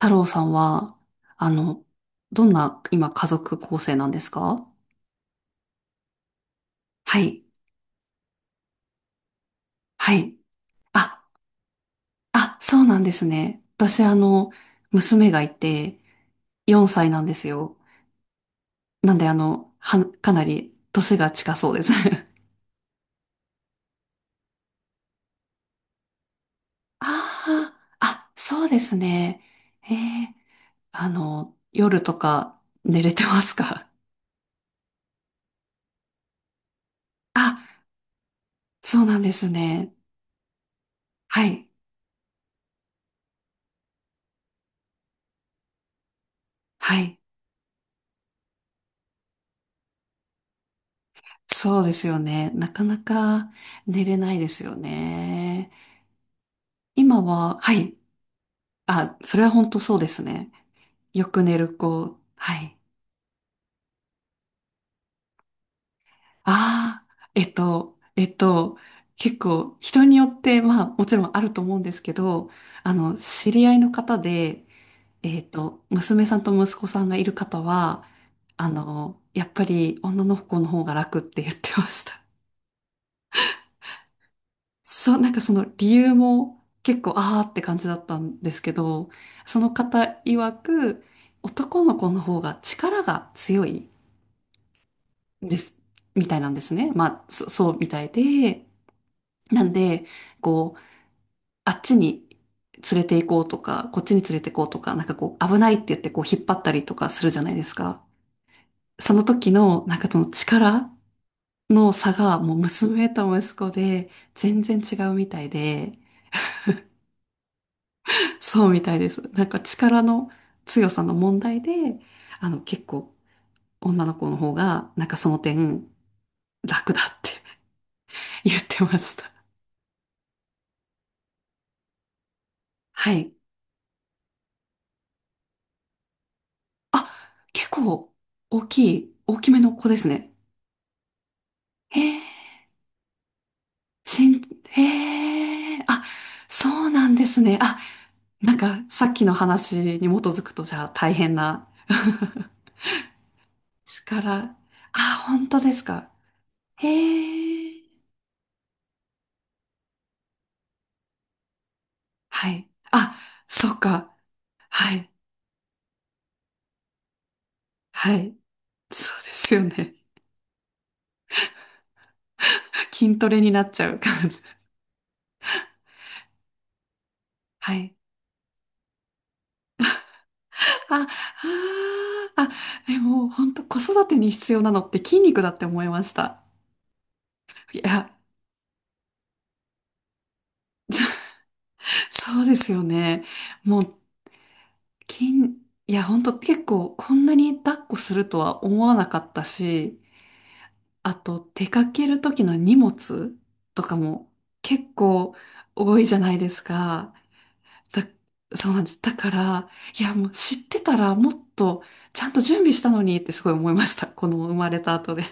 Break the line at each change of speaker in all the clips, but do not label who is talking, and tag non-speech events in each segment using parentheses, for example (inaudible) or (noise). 太郎さんは、あの、どんな今家族構成なんですか？はい。はい。あ、あ、そうなんですね。私、娘がいて、4歳なんですよ。なんで、かなり年が近そうです。(laughs) ああ、あ、そうですね。ええ、夜とか寝れてますか？あ、そうなんですね。はい。はい。そうですよね。なかなか寝れないですよね。今は、はい。あ、それは本当そうですね。よく寝る子。はい。ああ、えっと、えっと、結構人によって、まあもちろんあると思うんですけど、知り合いの方で、娘さんと息子さんがいる方は、やっぱり女の子の方が楽って言ってました。そう、なんかその理由も結構あーって感じだったんですけど、その方曰く男の子の方が力が強いんです、みたいなんですね。まあ、そうみたいで、なんで、こう、あっちに連れて行こうとか、こっちに連れて行こうとか、なんかこう、危ないって言ってこう引っ張ったりとかするじゃないですか。その時の、なんかその力の差がもう娘と息子で全然違うみたいで、そうみたいです。なんか力の強さの問題で、あの結構女の子の方が、なんかその点楽だって (laughs) 言ってました。はい。あ、結構大きめの子ですね。へえ、しん、へえ、あ、そうなんですね。あ、なんかさっきの話に基づくとじゃあ大変な (laughs) 力。あ、本当ですか。へえ。はい。あ、そっか。はい。はい。そうですよね。(laughs) 筋トレになっちゃう感じ。はい。あ、あー、あ、でも本当子育てに必要なのって筋肉だって思いました。いや、そうですよね。もう筋、いや本当結構こんなに抱っこするとは思わなかったし、あと出かける時の荷物とかも結構多いじゃないですか。だ、そうなんです。だから、いや、もう知ってたらもっとちゃんと準備したのにってすごい思いました。(laughs) この生まれた後で。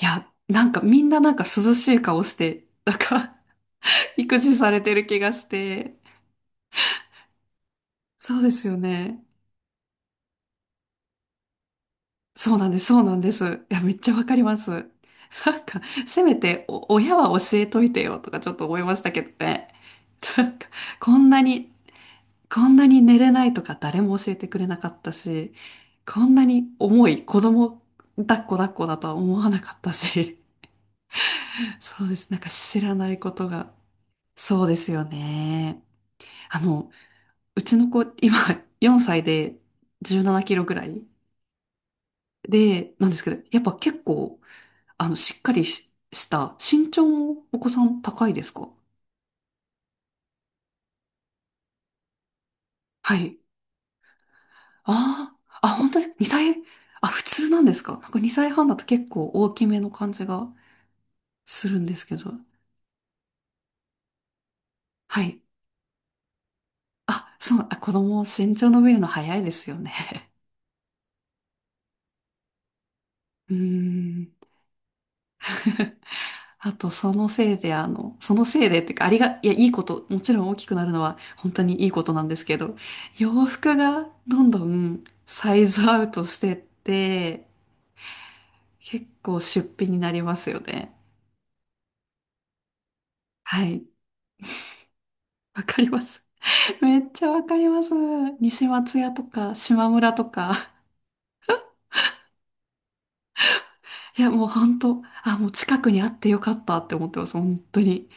いや、なんかみんななんか涼しい顔して、なんか (laughs) 育児されてる気がして。そうですよね。そうなんです、そうなんです。いや、めっちゃわかります。なんか、せめてお親は教えといてよとかちょっと思いましたけどね。なんか、こんなにこんなに寝れないとか誰も教えてくれなかったし、こんなに重い子供抱っこ抱っこだとは思わなかったし、(laughs) そうです。なんか知らないことが。そうですよね。あの、うちの子、今4歳で17キロぐらいで、なんですけど、やっぱ結構、あの、しっかりし、した身長もお子さん高いですか？はい。ああ、あ、本当に2歳、あ、普通なんですか？なんか2歳半だと結構大きめの感じが。するんですけど。はい。あ、そう、あ、子供、身長伸びるの早いですよね。(laughs) うーん。(laughs) あと、そのせいで、あの、そのせいでっていうか、ありが、いや、いいこと、もちろん大きくなるのは本当にいいことなんですけど、洋服がどんどんサイズアウトしてって、結構出費になりますよね。はい。わかります。(laughs) めっちゃわかります。西松屋とか、島村とか。いや、もう本当、あ、もう近くにあってよかったって思ってます。本当に。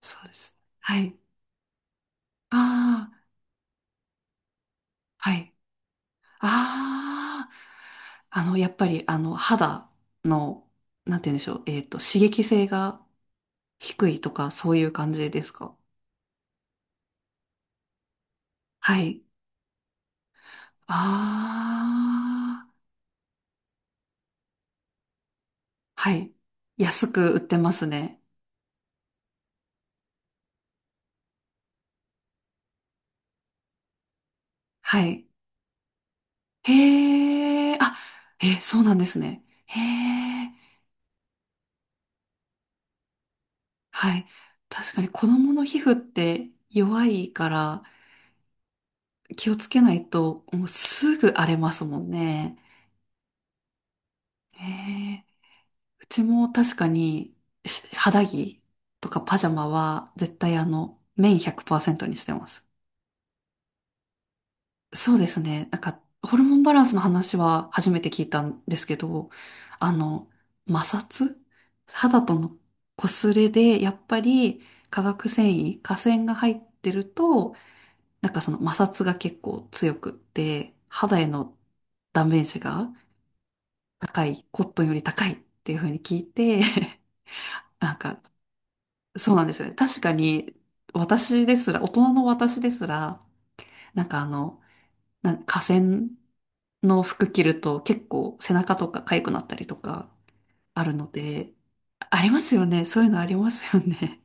そうです。はい。ああ、はい。ああ、あの、やっぱり、あの、肌の、なんて言うんでしょう。刺激性が低いとか、そういう感じですか？はい。ああ、はい。安く売ってますね。はい。へえ、あ、え、そうなんですね。へえ、はい。確かに子供の皮膚って弱いから、気をつけないと、もうすぐ荒れますもんね。へえ、うちも確かに、肌着とかパジャマは絶対あの、綿100%にしてます。そうですね。なんか、ホルモンバランスの話は初めて聞いたんですけど、あの、摩擦肌との擦れで、やっぱり化繊が入ってると、なんかその摩擦が結構強くって、肌へのダメージがコットンより高いっていうふうに聞いて、(laughs) なんか、そうなんですよね。確かに、私ですら、大人の私ですら、なんかあの、なんか河川の服着ると結構背中とか痒くなったりとかあるので、ありますよね。そういうのありますよね。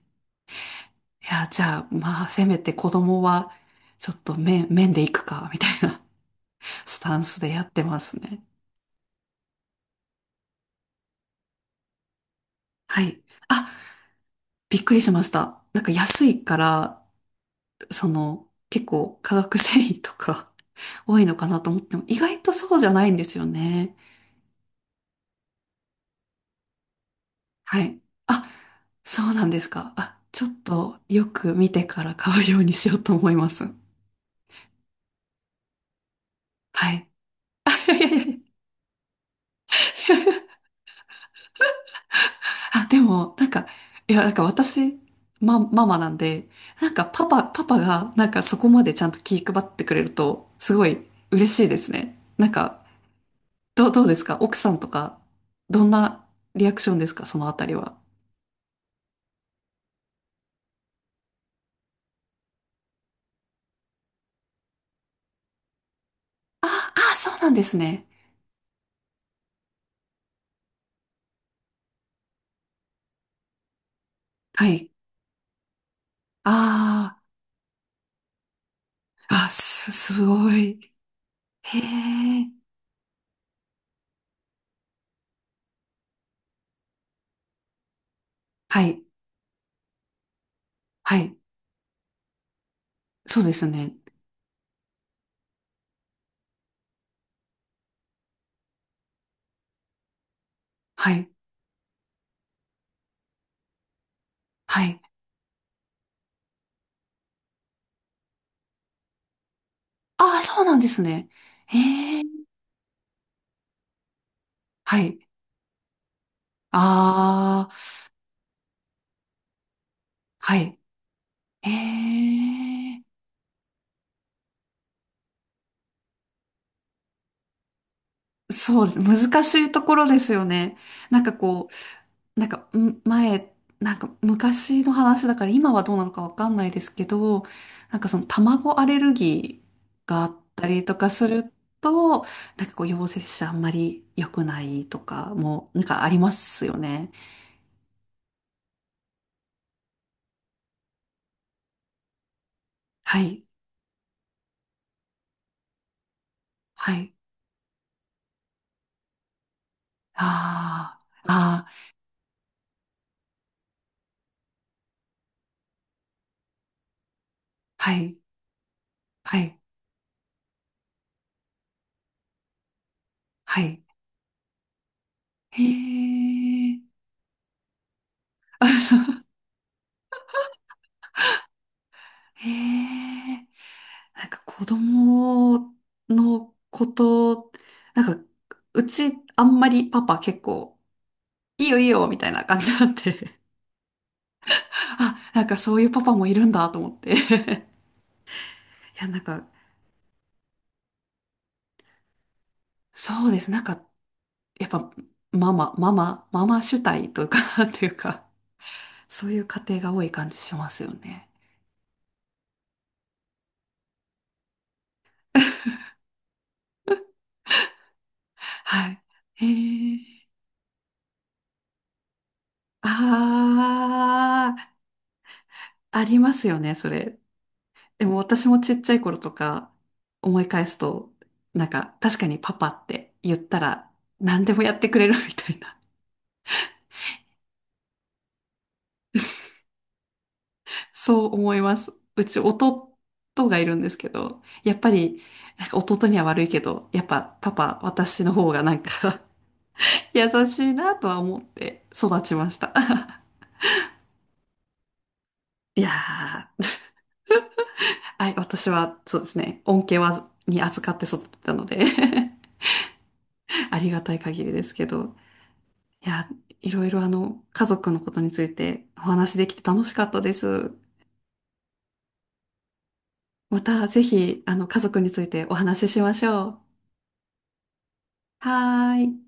(laughs) いや、じゃあ、まあ、せめて子供は、ちょっと面で行くか、みたいな (laughs) スタンスでやってますね。はい。あ、びっくりしました。なんか安いから、その、結構化学繊維とか (laughs) 多いのかなと思っても、意外とそうじゃないんですよね。はい。あ、そうなんですか。あ、ちょっとよく見てから買うようにしようと思います。はい。(laughs) あ、でも、なんか、いや、なんか私、ま、ママなんで、なんかパパが、なんかそこまでちゃんと気配ってくれると、すごい嬉しいですね。なんか、どうですか奥さんとか、どんなリアクションですか？そのあたりは。あ、あ、そうなんですね。はい。ああ、すごい。へえ。はい。はい。そうですね。はい。はい。ああ、そうなんですね。へえ。はい。ああ、はい。へえ。そうです、難しいところですよね。なんかこう、なんか、ん前、なんか昔の話だから今はどうなのかわかんないですけど、なんかその卵アレルギーがあったりとかすると、なんかこう陽性者あんまり良くないとかも、なんかありますよね。はい、はい、ああ、ああ、はい、はい、はい。へえ、(laughs) あ、そう、へえ。なんか子供のこと、なんか、うちあんまりパパ結構、いいよいいよみたいな感じなんで (laughs) あ、なんかそういうパパもいるんだと思って。 (laughs) いや、なんか、そうです。なんか、やっぱ、ママ主体というかって (laughs) いうか、(laughs) そういう家庭が多い感じしますよね。(laughs) はい。へえ。ああ、ありますよね、それ。でも私もちっちゃい頃とか思い返すと、なんか確かにパパって言ったら何でもやってくれるみたいな、(laughs) そう思います。うち弟がいるんですけど、やっぱり、なんか弟には悪いけど、やっぱパパ、私の方がなんか (laughs) 優しいなとは思って育ちました。(laughs) いやー、はい、私はそうですね、恩恵は、に預かって育ったので (laughs) ありがたい限りですけど。いや、いろいろ家族のことについてお話できて楽しかったです。またぜひ、家族についてお話ししましょう。はーい。